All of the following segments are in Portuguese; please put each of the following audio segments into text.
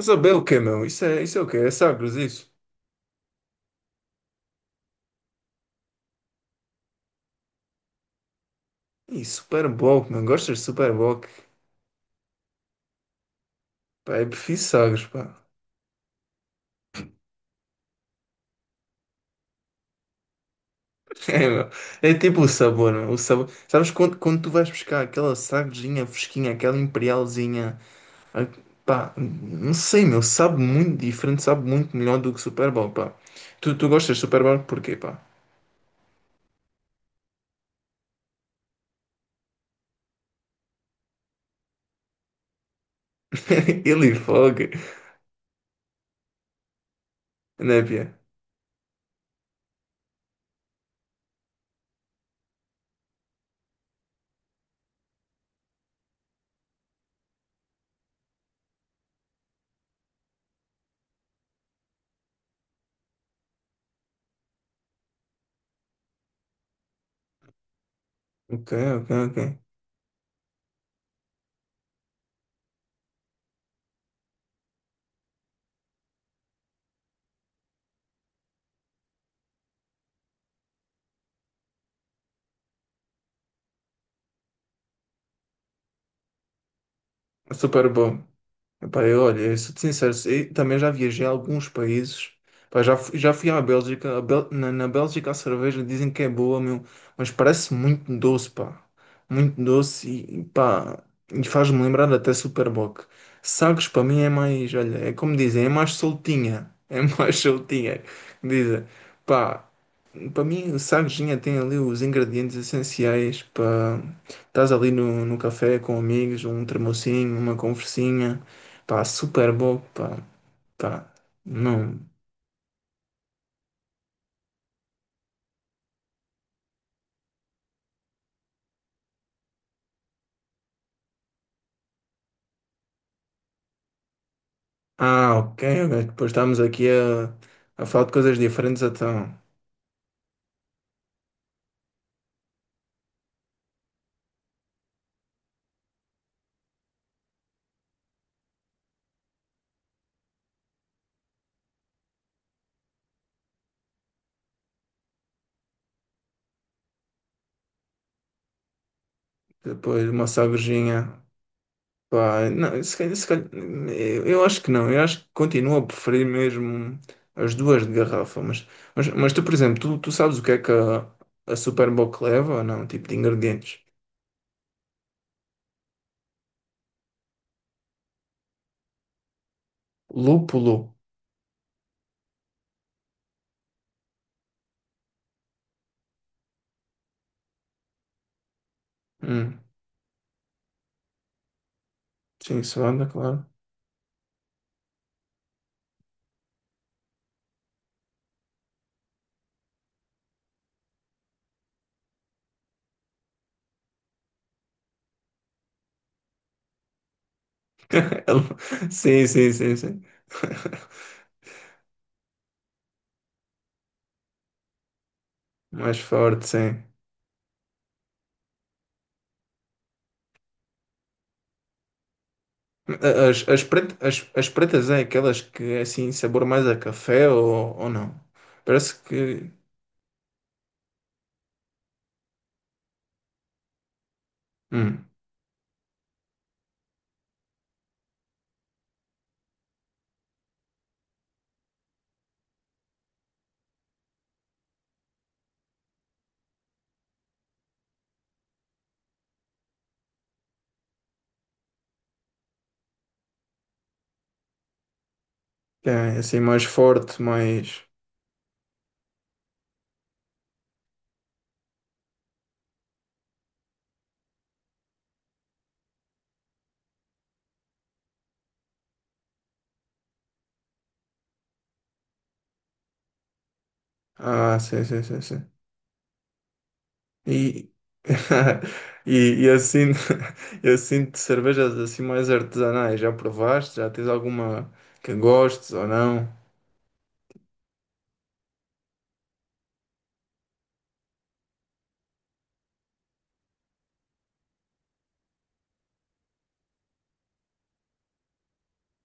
Saber o quê, meu? Isso é o quê? É Sagres, isso? Ih, Super Bowl, mano. Gostas de Super Bowl? Pá, eu prefiro Sagres, pá. É, meu. É tipo o sabor, meu. O sabor. Sabes quando tu vais buscar aquela Sagresinha fresquinha, aquela Imperialzinha? ah, Pá, não sei, meu. Sabe muito diferente, sabe muito melhor do que Super Bowl, pá. Tu gostas de Super Bowl porquê, pá? Ele foge, né, Pia? Ok, ok, ok. Super Bowl. Epá, eu, olha, eu sou-te sincero, e também já viajei a alguns países. Pá, já fui à Bélgica. Na, na Bélgica a cerveja dizem que é boa, meu, mas parece muito doce, pá. Muito doce e, pá, e faz-me lembrar até Superboc. Sagres para mim é mais, olha, é como dizem, é mais soltinha. É mais soltinha, dizem. Pá, para mim, o sardinha tem ali os ingredientes essenciais para estás ali no, no café com amigos, um termocinho, uma conversinha, pá, super bom, pá, pá, não. Ah, ok, ok, depois estamos aqui a falar de coisas diferentes, então, depois uma sardinha, pá, não, se calhar, se calhar- eu, acho que não, eu acho que continuo a preferir mesmo as duas de garrafa, mas tu, por exemplo, tu sabes o que é que a Super Bowl leva ou não, tipo de ingredientes? Lúpulo. Hum, sim, suada, claro. É lu- Sim, sim, sim, sim. Mais forte, sim. As pretas é aquelas que é assim, sabor mais a café ou não? Parece que. Hum, que é assim, mais forte, mais. Ah, sim, sim, sim, sim. E. E, e assim, e assim cervejas assim mais artesanais, já provaste? Já tens alguma que gostes ou não?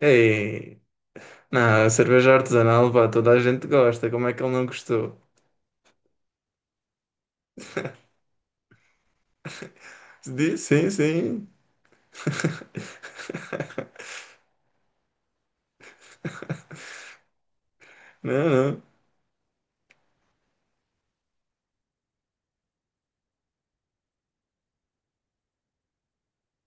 Ei. Não, a cerveja artesanal, pá, toda a gente gosta. Como é que ele não gostou? Diz, sim, sim. Não, não.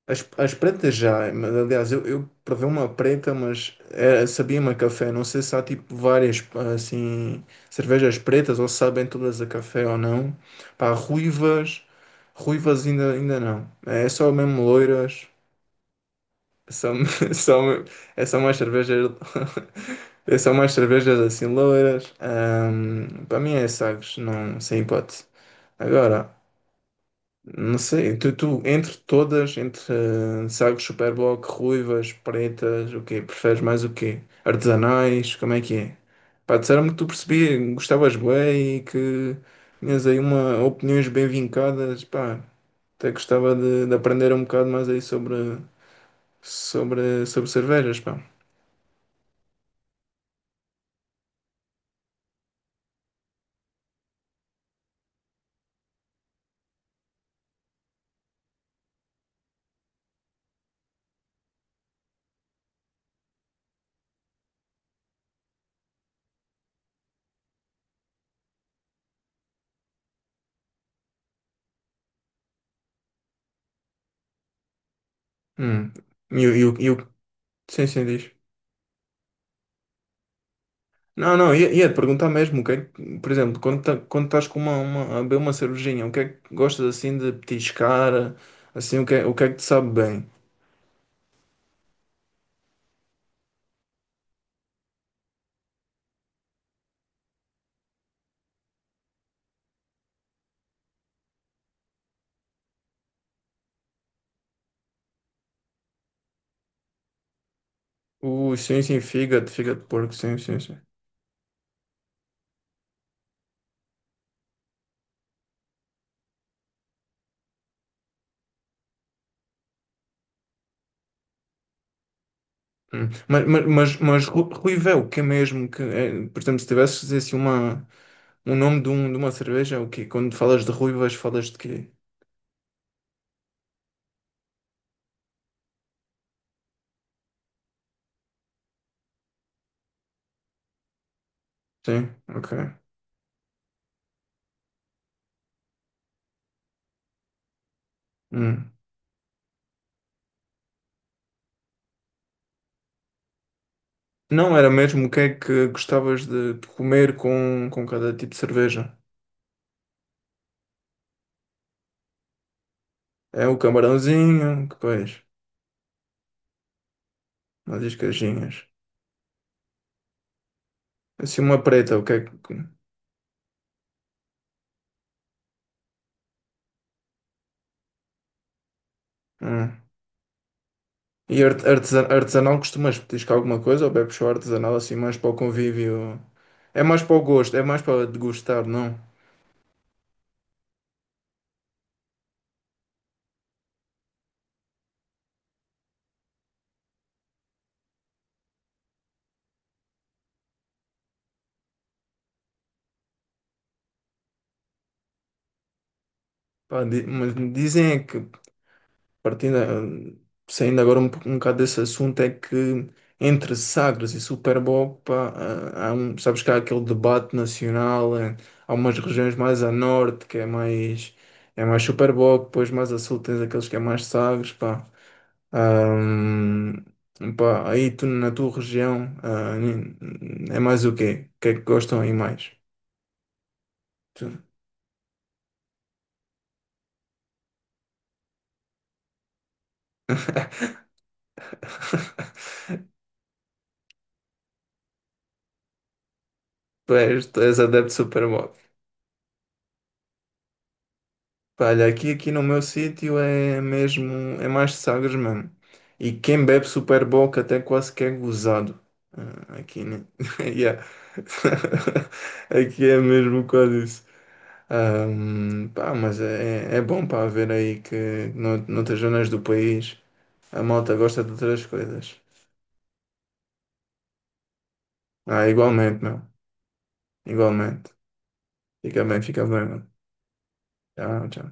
As pretas já, mas aliás, eu provei uma preta, mas era, sabia-me a café. Não sei se há tipo várias assim cervejas pretas ou se sabem todas a café ou não. Pá, ruivas, ainda, ainda não. É só mesmo loiras. São, são, é só mais cervejas. É só mais cervejas assim loiras. Para mim é Sagres, não, sem hipótese. Agora, não sei, tu, entre todas, entre Sagres, Superboc, ruivas, pretas, o quê? Preferes mais o quê? Artesanais, como é que é? Pá, disseram-me que tu percebias, gostavas bem e que tinhas aí uma opiniões bem vincadas. Pá, até gostava de aprender um bocado mais aí sobre, sobre, sobre cervejas, pá. Hum. E o. e o- e o- Sim, sim, diz. Não, não, ia te perguntar mesmo, o que é que, por exemplo, quando estás com uma, a beber uma cervejinha, o que é que gostas assim de petiscar, assim, o que é que te sabe bem? Ui, sim, sim, fígado, fígado de porco, sim, sim, sim. Hum. Mas Ruivel, o que é mesmo que, é, por exemplo, se tivesses assim uma, um nome de, um, de uma cerveja, é o quê? Quando falas de ruivas, falas de quê? Sim, ok. Hum. Não, era mesmo o que é que gostavas de comer com cada tipo de cerveja. É o camarãozinho, que pois, umas iscajinhas. Assim uma preta, o que é que... Hum. E artesanal costumas petiscar alguma coisa ou bebes só artesanal assim mais para o convívio? É mais para o gosto, é mais para degustar, não? Pá, mas dizem é que partindo, ah, saindo agora um, um bocado desse assunto, é que entre Sagres e Super Bowl, pá, há um, sabes que há aquele debate nacional, há umas regiões mais a norte que é mais Super Bowl, depois mais a sul tens aqueles que é mais Sagres, pá. Pá, aí tu na tua região, é mais o quê? O que é que gostam aí mais? Tu, tu és adepto de Super Bowl. Pá, olha, aqui, aqui no meu sítio é mesmo, é mais Sagres mesmo. E quem bebe Super Bock até quase que é gozado. Ah, aqui, né? Yeah. Aqui é mesmo quase isso. Pá, mas é, é bom para ver aí que noutras zonas do país a malta gosta de outras coisas. Ah, igualmente, meu. Igualmente. Fica bem, mano. Tchau, tchau.